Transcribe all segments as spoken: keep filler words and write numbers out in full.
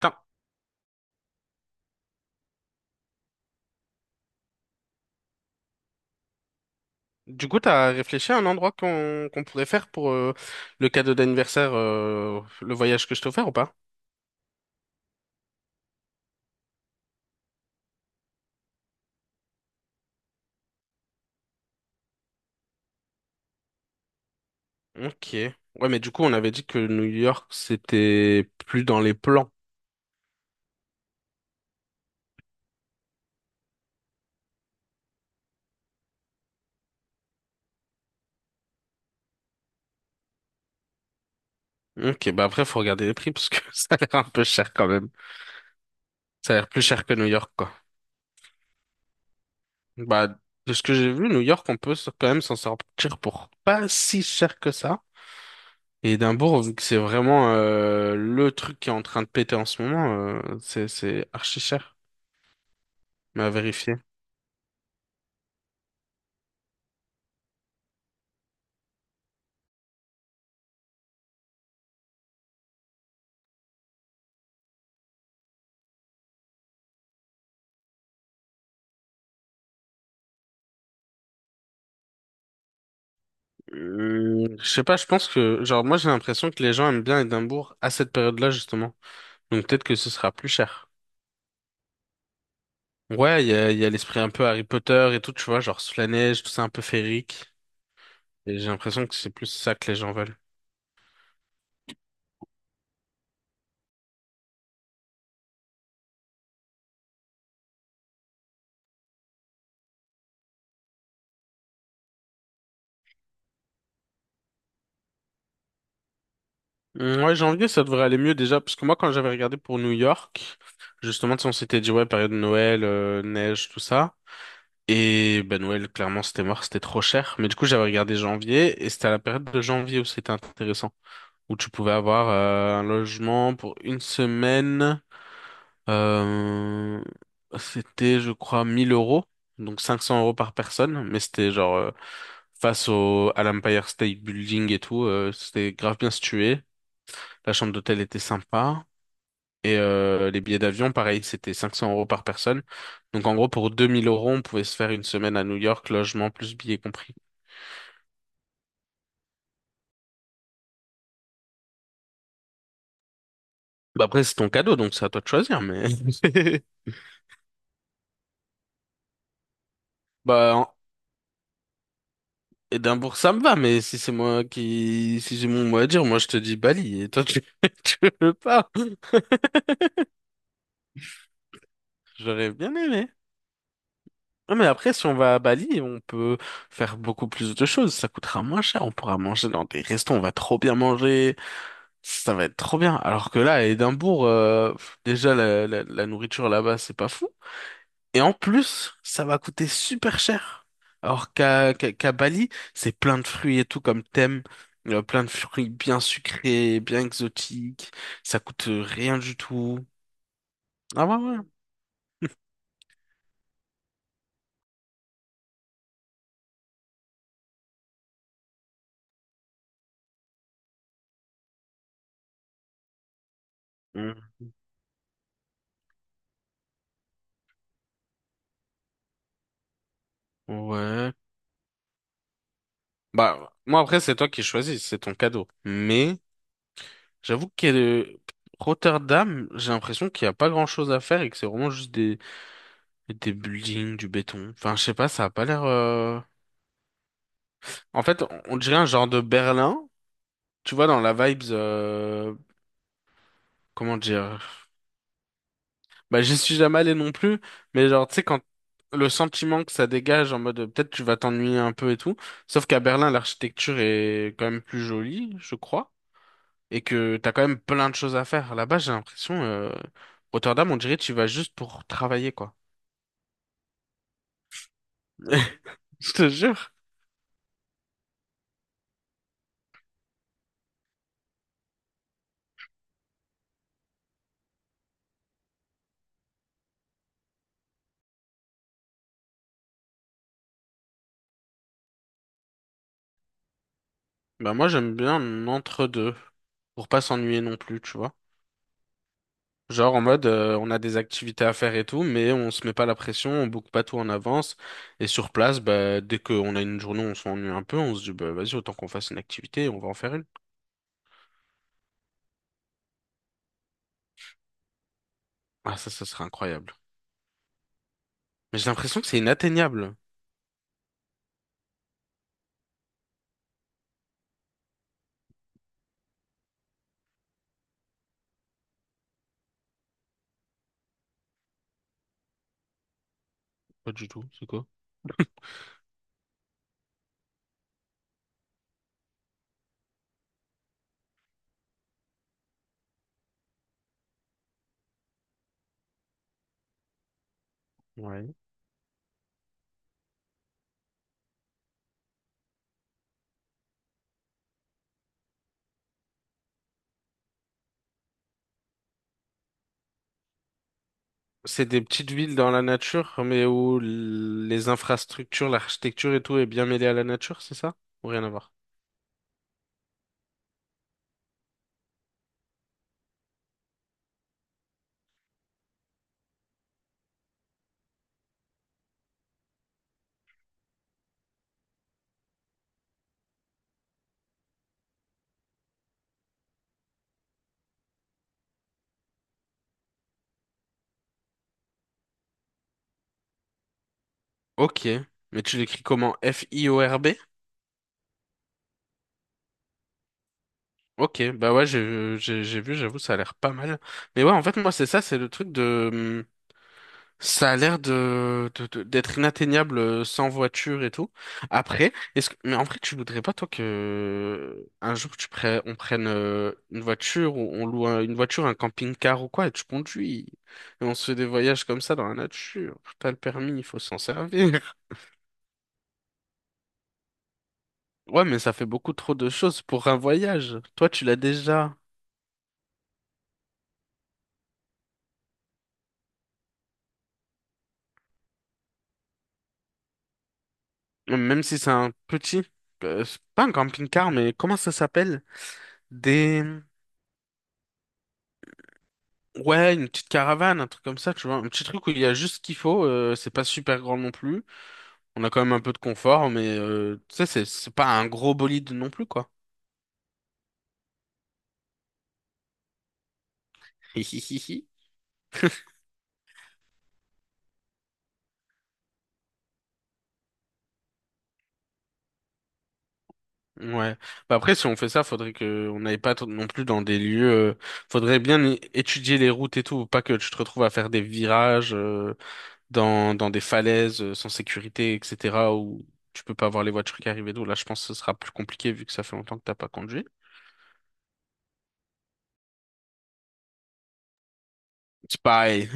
Putain. Du coup, t'as réfléchi à un endroit qu'on qu'on pourrait faire pour euh, le cadeau d'anniversaire, euh, le voyage que je t'ai offert ou pas? Ok. Ouais, mais du coup, on avait dit que New York, c'était plus dans les plans. Ok, bah après, faut regarder les prix parce que ça a l'air un peu cher quand même. Ça a l'air plus cher que New York, quoi. Bah, de ce que j'ai vu, New York, on peut s- quand même s'en sortir pour pas si cher que ça. Et Édimbourg, vu que c'est vraiment euh, le truc qui est en train de péter en ce moment, euh, c'est c'est archi cher. Mais à vérifier. Hum, je sais pas, je pense que, genre, moi j'ai l'impression que les gens aiment bien Édimbourg à cette période-là, justement. Donc peut-être que ce sera plus cher. Ouais, il y a, il y a l'esprit un peu Harry Potter et tout, tu vois, genre sous la neige, tout ça un peu féerique. Et j'ai l'impression que c'est plus ça que les gens veulent. Mm, ouais, janvier, ça devrait aller mieux déjà, parce que moi, quand j'avais regardé pour New York, justement, tu sais, on s'était dit, ouais, période de Noël, euh, neige, tout ça. Et ben Noël, clairement, c'était mort, c'était trop cher. Mais du coup, j'avais regardé janvier, et c'était à la période de janvier où c'était intéressant, où tu pouvais avoir euh, un logement pour une semaine. Euh, c'était, je crois, mille euros, donc cinq cents euros par personne, mais c'était genre... euh, face au, à l'Empire State Building et tout, euh, c'était grave bien situé. La chambre d'hôtel était sympa. Et euh, les billets d'avion, pareil, c'était cinq cents euros par personne. Donc en gros, pour deux mille euros, on pouvait se faire une semaine à New York, logement plus billets compris. Bah après, c'est ton cadeau, donc c'est à toi de choisir. Mais bah en- Édimbourg, ça me va. Mais si c'est moi qui, si j'ai mon mot à dire, moi je te dis Bali. Et toi, tu, tu veux pas? J'aurais bien aimé. Non, mais après, si on va à Bali, on peut faire beaucoup plus de choses. Ça coûtera moins cher. On pourra manger dans des restos. On va trop bien manger. Ça va être trop bien. Alors que là, à Édimbourg, euh, pff, déjà, la, la- la nourriture là-bas, c'est pas fou. Et en plus, ça va coûter super cher. Alors qu'à qu'à- qu'à Bali, c'est plein de fruits et tout comme thème. Euh, plein de fruits bien sucrés, bien exotiques. Ça coûte euh, rien du tout. Ah ouais, ouais. Mm. Ouais. Bah, moi, après, c'est toi qui choisis. C'est ton cadeau. Mais j'avoue que euh, Rotterdam, j'ai l'impression qu'il n'y a pas grand-chose à faire et que c'est vraiment juste des Des buildings, du béton. Enfin, je sais pas, ça a pas l'air. euh, En fait, on on dirait un genre de Berlin. Tu vois, dans la vibes. euh, Comment dire? Bah, j'y suis jamais allé non plus. Mais genre, tu sais, quand le sentiment que ça dégage en mode euh, peut-être tu vas t'ennuyer un peu et tout. Sauf qu'à Berlin, l'architecture est quand même plus jolie, je crois. Et que t'as quand même plein de choses à faire. Là-bas, j'ai l'impression. euh, Rotterdam, on dirait tu y vas juste pour travailler, quoi. Je te jure. Bah, moi, j'aime bien entre-deux. Pour pas s'ennuyer non plus, tu vois. Genre en mode euh, on a des activités à faire et tout, mais on se met pas la pression, on boucle pas tout en avance. Et sur place, bah, dès qu'on a une journée où on s'ennuie un peu, on se dit bah vas-y, autant qu'on fasse une activité, et on va en faire une. Ah ça, ça serait incroyable. Mais j'ai l'impression que c'est inatteignable. Pas du tout, c'est quoi? Ouais. C'est des petites villes dans la nature, mais où l- les infrastructures, l'architecture et tout est bien mêlée à la nature, c'est ça? Ou rien à voir? Ok. Mais tu l'écris comment? F-I-O-R-B? Ok, bah ouais, j'ai j'ai j'ai vu, j'avoue, ça a l'air pas mal. Mais ouais, en fait, moi, c'est ça, c'est le truc de... hum, ça a l'air de, de- de- d'être inatteignable euh, sans voiture et tout. Après, est-ce que, mais en vrai, tu voudrais pas, toi, que un jour tu prennes, on prenne euh, une voiture ou on loue un- une voiture, un camping-car ou quoi, et tu conduis. Et on se fait des voyages comme ça dans la nature. T'as le permis, il faut s'en servir. Ouais, mais ça fait beaucoup trop de choses pour un voyage. Toi, tu l'as déjà. Même si c'est un petit, euh, c'est pas un camping-car, mais comment ça s'appelle? Des... Ouais, une petite caravane, un truc comme ça, tu vois. Un petit truc où il y a juste ce qu'il faut, euh, c'est pas super grand non plus. On a quand même un peu de confort, mais euh, tu sais, c'est c'est pas un gros bolide non plus, quoi. Hihihihi. Ouais. Bah après, si on fait ça, faudrait que on n'aille pas t- non plus dans des lieux. euh, Faudrait bien é- étudier les routes et tout, pas que tu te retrouves à faire des virages. euh, Dans, dans des falaises euh, sans sécurité, et cetera, où tu peux pas voir les voitures qui arrivent et tout. Là, je pense que ce sera plus compliqué vu que ça fait longtemps que t'as pas conduit. C'est pareil,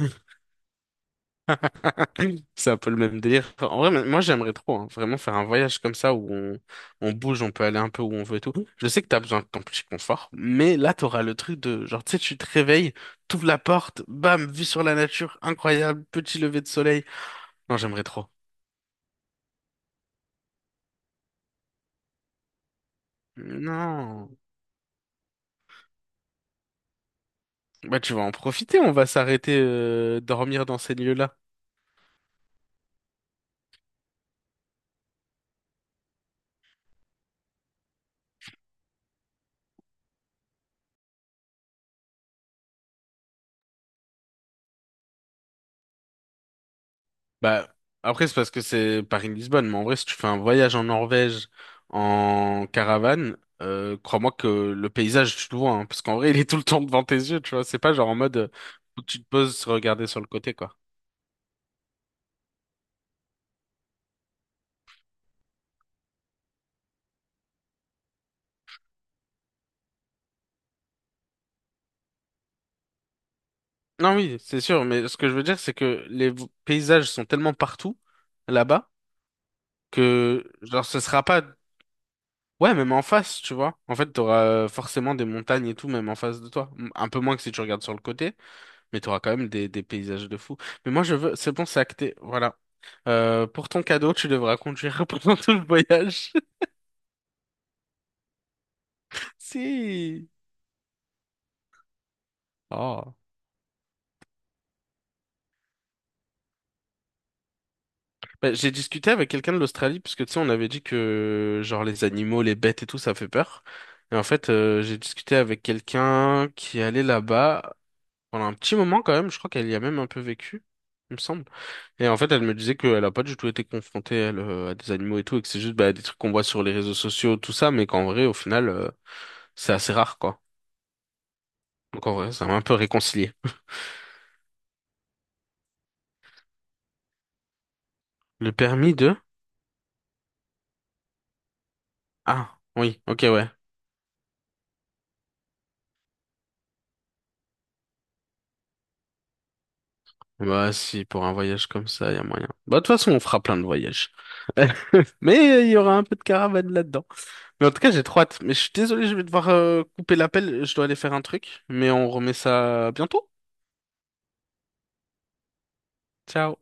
c'est un peu le même délire. Enfin, en vrai, mais moi j'aimerais trop, hein, vraiment faire un voyage comme ça où on, on bouge, on peut aller un peu où on veut et tout. Je sais que t'as besoin de ton petit confort, mais là, t'auras le truc de genre, tu sais, tu te réveilles, t'ouvres la porte, bam, vue sur la nature, incroyable, petit lever de soleil. Non, j'aimerais trop. Non. Bah, tu vas en profiter, on va s'arrêter, euh, dormir dans ces lieux-là. Bah, après, c'est parce que c'est Paris-Lisbonne, mais en vrai, si tu fais un voyage en Norvège en caravane, euh, crois-moi que le paysage, tu le vois, hein, parce qu'en vrai, il est tout le temps devant tes yeux, tu vois. C'est pas genre en mode, euh, faut que tu te poses, regarder sur le côté, quoi. Non, oui, c'est sûr, mais ce que je veux dire, c'est que les v- paysages sont tellement partout, là-bas, que, genre, ce sera pas, ouais, même en face, tu vois. En fait, t'auras euh, forcément des montagnes et tout, même en face de toi. Un peu moins que si tu regardes sur le côté. Mais tu auras quand même des, des paysages de fou. Mais moi, je veux. C'est bon, c'est acté. Voilà. Euh, pour ton cadeau, tu devras conduire pendant tout le voyage. Si. Oh. Bah, j'ai discuté avec quelqu'un de l'Australie, parce que tu sais, on avait dit que, genre, les animaux, les bêtes et tout, ça fait peur. Et en fait, euh, j'ai discuté avec quelqu'un qui allait là-bas pendant un petit moment quand même. Je crois qu'elle y a même un peu vécu, il me semble. Et en fait, elle me disait qu'elle a pas du tout été confrontée, elle, euh, à des animaux et tout, et que c'est juste, bah, des trucs qu'on voit sur les réseaux sociaux, tout ça, mais qu'en vrai, au final, euh, c'est assez rare, quoi. Donc en vrai, ça m'a un peu réconcilié. Le permis de... Ah, oui, ok, ouais. Bah si, pour un voyage comme ça, il y a moyen. Bah de toute façon, on fera plein de voyages. Mais euh, il y aura un peu de caravane là-dedans. Mais en tout cas, j'ai trop hâte. Mais je suis désolé, je vais devoir euh, couper l'appel. Je dois aller faire un truc. Mais on remet ça bientôt. Ciao.